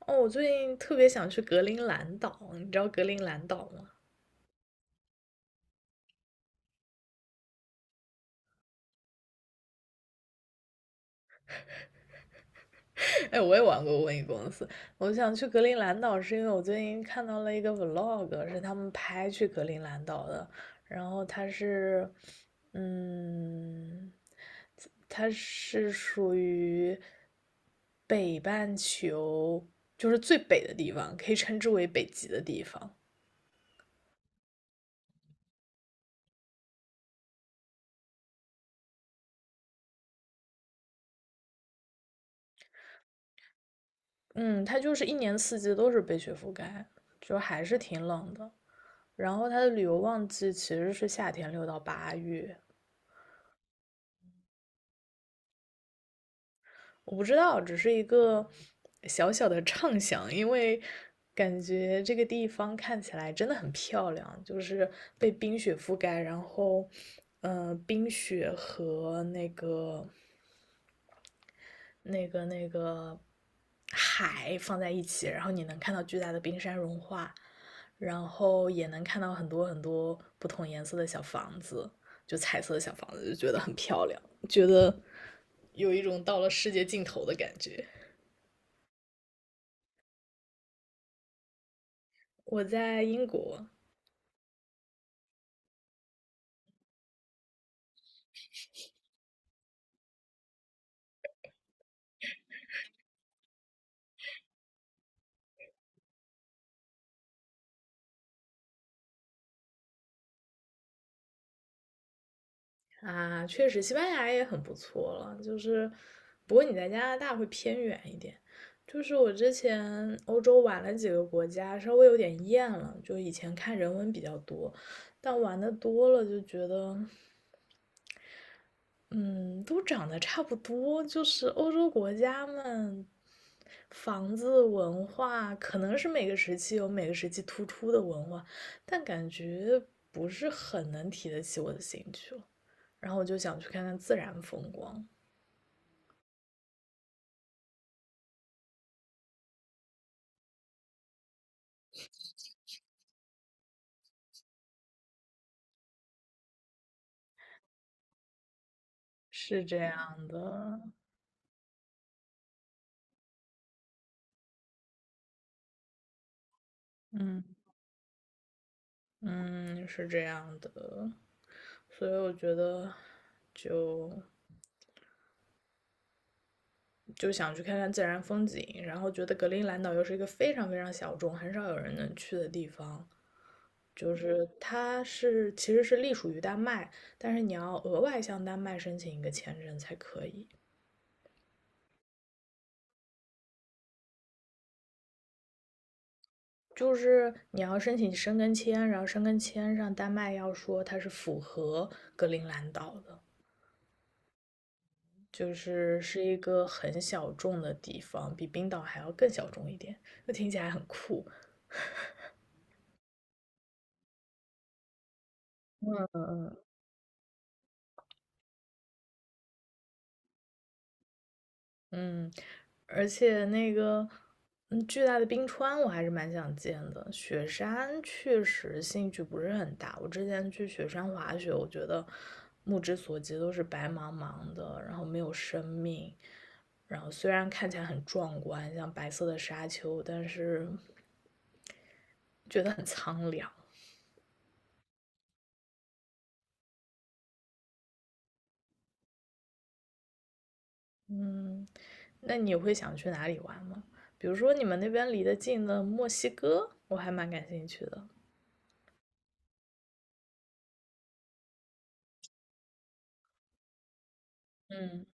哦，我最近特别想去格陵兰岛，你知道格陵兰岛吗？哎，我也玩过瘟疫公司。我想去格陵兰岛，是因为我最近看到了一个 vlog，是他们拍去格陵兰岛的。然后嗯，它是属于北半球，就是最北的地方，可以称之为北极的地方。嗯，它就是一年四季都是被雪覆盖，就还是挺冷的。然后它的旅游旺季其实是夏天6到8月。我不知道，只是一个小小的畅想，因为感觉这个地方看起来真的很漂亮，就是被冰雪覆盖，然后，冰雪和那个海放在一起，然后你能看到巨大的冰山融化，然后也能看到很多很多不同颜色的小房子，就彩色的小房子，就觉得很漂亮，觉得有一种到了世界尽头的感觉。我在英国。啊，确实，西班牙也很不错了。就是，不过你在加拿大会偏远一点。就是我之前欧洲玩了几个国家，稍微有点厌了。就以前看人文比较多，但玩的多了就觉得，嗯，都长得差不多。就是欧洲国家们，房子文化可能是每个时期有每个时期突出的文化，但感觉不是很能提得起我的兴趣了。然后我就想去看看自然风光。是这样的，嗯嗯，是这样的，所以我觉得就就想去看看自然风景，然后觉得格陵兰岛又是一个非常非常小众、很少有人能去的地方，就是它是其实是隶属于丹麦，但是你要额外向丹麦申请一个签证才可以。就是你要申请申根签，然后申根签上丹麦要说它是符合格陵兰岛的，就是是一个很小众的地方，比冰岛还要更小众一点，就听起来很酷。嗯，嗯，而且那个，巨大的冰川我还是蛮想见的。雪山确实兴趣不是很大。我之前去雪山滑雪，我觉得目之所及都是白茫茫的，然后没有生命，然后虽然看起来很壮观，像白色的沙丘，但是觉得很苍凉。嗯，那你会想去哪里玩吗？比如说你们那边离得近的墨西哥，我还蛮感兴趣的。嗯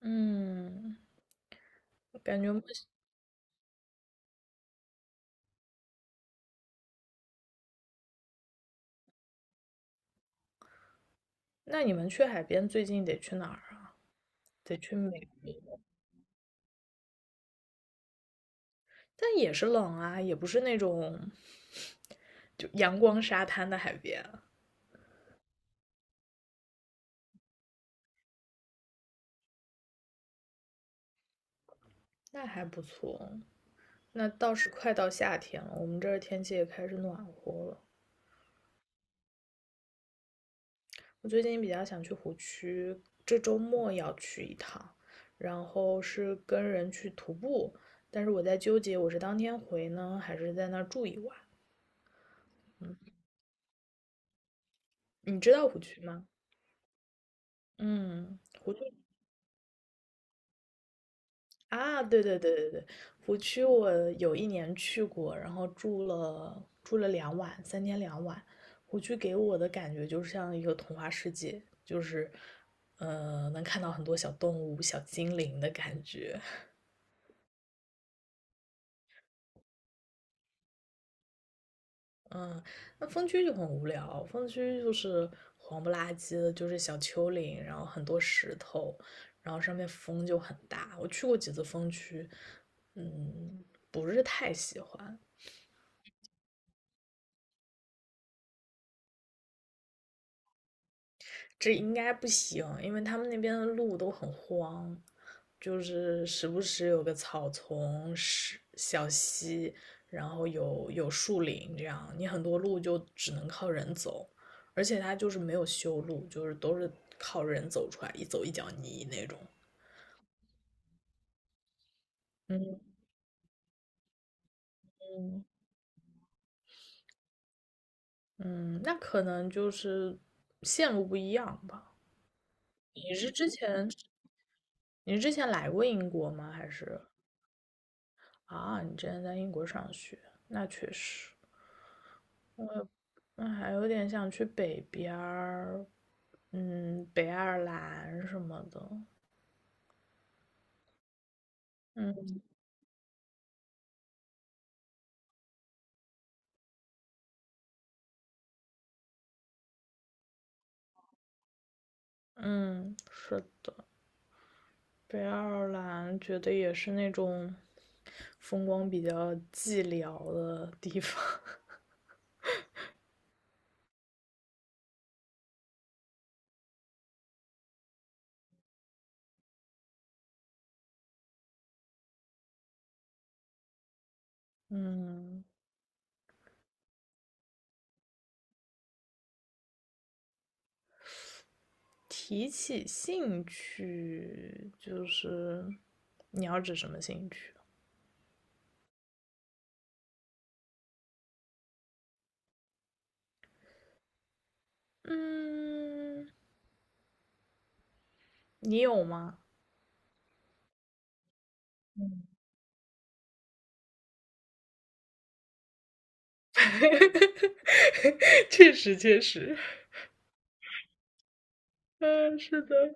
嗯，感觉墨西，那你们去海边最近得去哪儿啊？得去美国。但也是冷啊，也不是那种就阳光沙滩的海边。那还不错。那倒是快到夏天了，我们这儿天气也开始暖和了。我最近比较想去湖区，这周末要去一趟，然后是跟人去徒步，但是我在纠结我是当天回呢，还是在那儿住一晚。你知道湖区吗？嗯，湖区啊，对对对对对，湖区我有一年去过，然后住了两晚，三天两晚。湖区给我的感觉就像一个童话世界，就是，能看到很多小动物、小精灵的感觉。嗯，那风区就很无聊，风区就是黄不拉几的，就是小丘陵，然后很多石头，然后上面风就很大。我去过几次风区，嗯，不是太喜欢。这应该不行，因为他们那边的路都很荒，就是时不时有个草丛、是小溪，然后有树林，这样你很多路就只能靠人走，而且它就是没有修路，就是都是靠人走出来，一走一脚泥那种。嗯嗯嗯，那可能就是线路不一样吧。你是之前你是之前来过英国吗？还是啊，你之前在英国上学？那确实。那还有点想去北边儿，北爱尔兰什么的。嗯嗯，是的，北爱尔兰觉得也是那种风光比较寂寥的地方。嗯，提起兴趣，就是你要指什么兴趣？嗯，你有吗？嗯，确实确实，嗯，是的，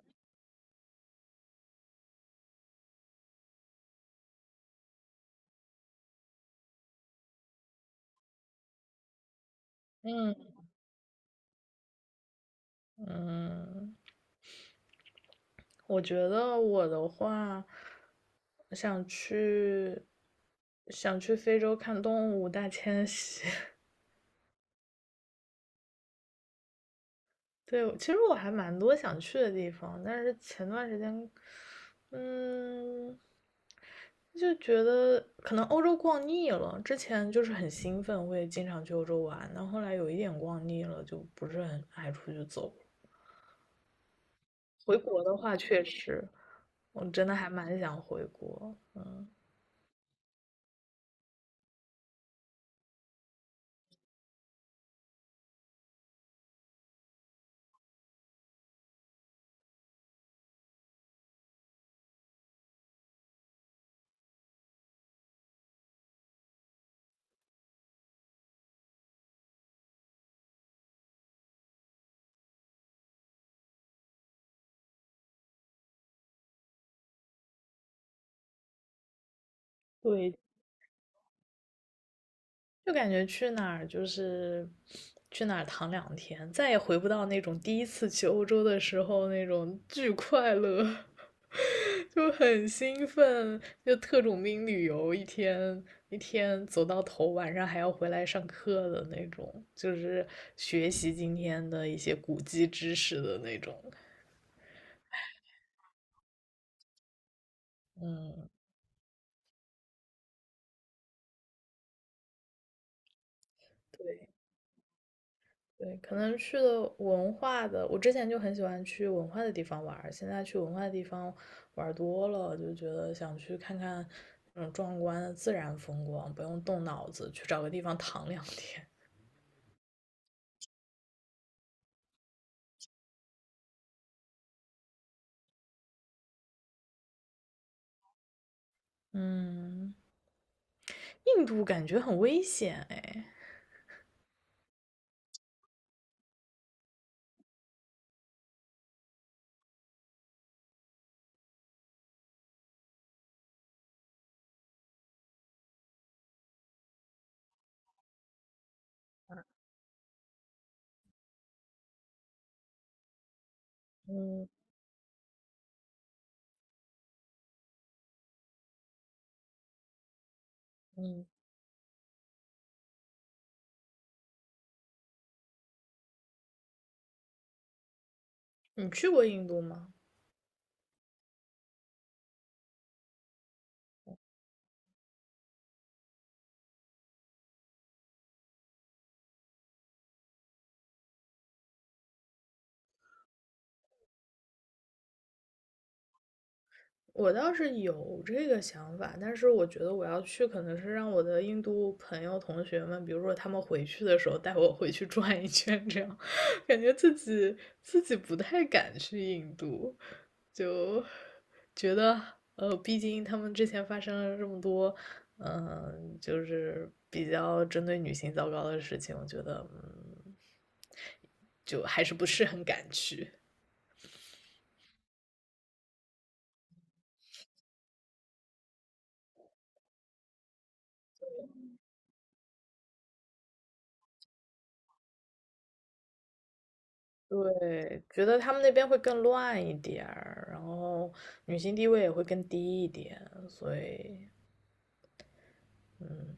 嗯嗯。我觉得我的话，想去想去非洲看动物大迁徙。对，其实我还蛮多想去的地方，但是前段时间，嗯，就觉得可能欧洲逛腻了。之前就是很兴奋，会经常去欧洲玩，但后来有一点逛腻了，就不是很爱出去走。回国的话，确实，我真的还蛮想回国。嗯，对，就感觉去哪儿就是去哪儿躺两天，再也回不到那种第一次去欧洲的时候那种巨快乐，就很兴奋，就特种兵旅游一天一天走到头，晚上还要回来上课的那种，就是学习今天的一些古籍知识的那种。嗯，对，对，可能去了文化的，我之前就很喜欢去文化的地方玩儿现在去文化的地方玩儿多了，就觉得想去看看那种壮观的自然风光，不用动脑子，去找个地方躺两天。嗯，印度感觉很危险哎。嗯嗯，你去过印度吗？我倒是有这个想法，但是我觉得我要去，可能是让我的印度朋友同学们，比如说他们回去的时候带我回去转一圈，这样 感觉自己不太敢去印度，就觉得毕竟他们之前发生了这么多，就是比较针对女性糟糕的事情，我觉得就还是不是很敢去。对，觉得他们那边会更乱一点儿，然后女性地位也会更低一点，所以，嗯，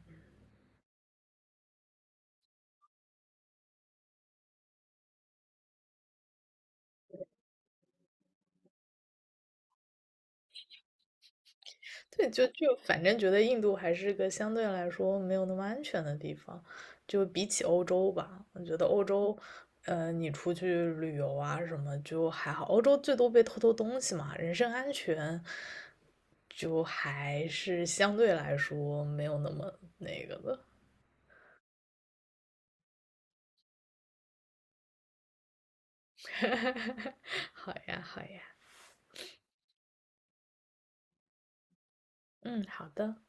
对，就反正觉得印度还是个相对来说没有那么安全的地方，就比起欧洲吧，我觉得欧洲，你出去旅游啊什么就还好，欧洲最多被偷偷东西嘛，人身安全就还是相对来说没有那么那个的。好呀，好呀，嗯，好的。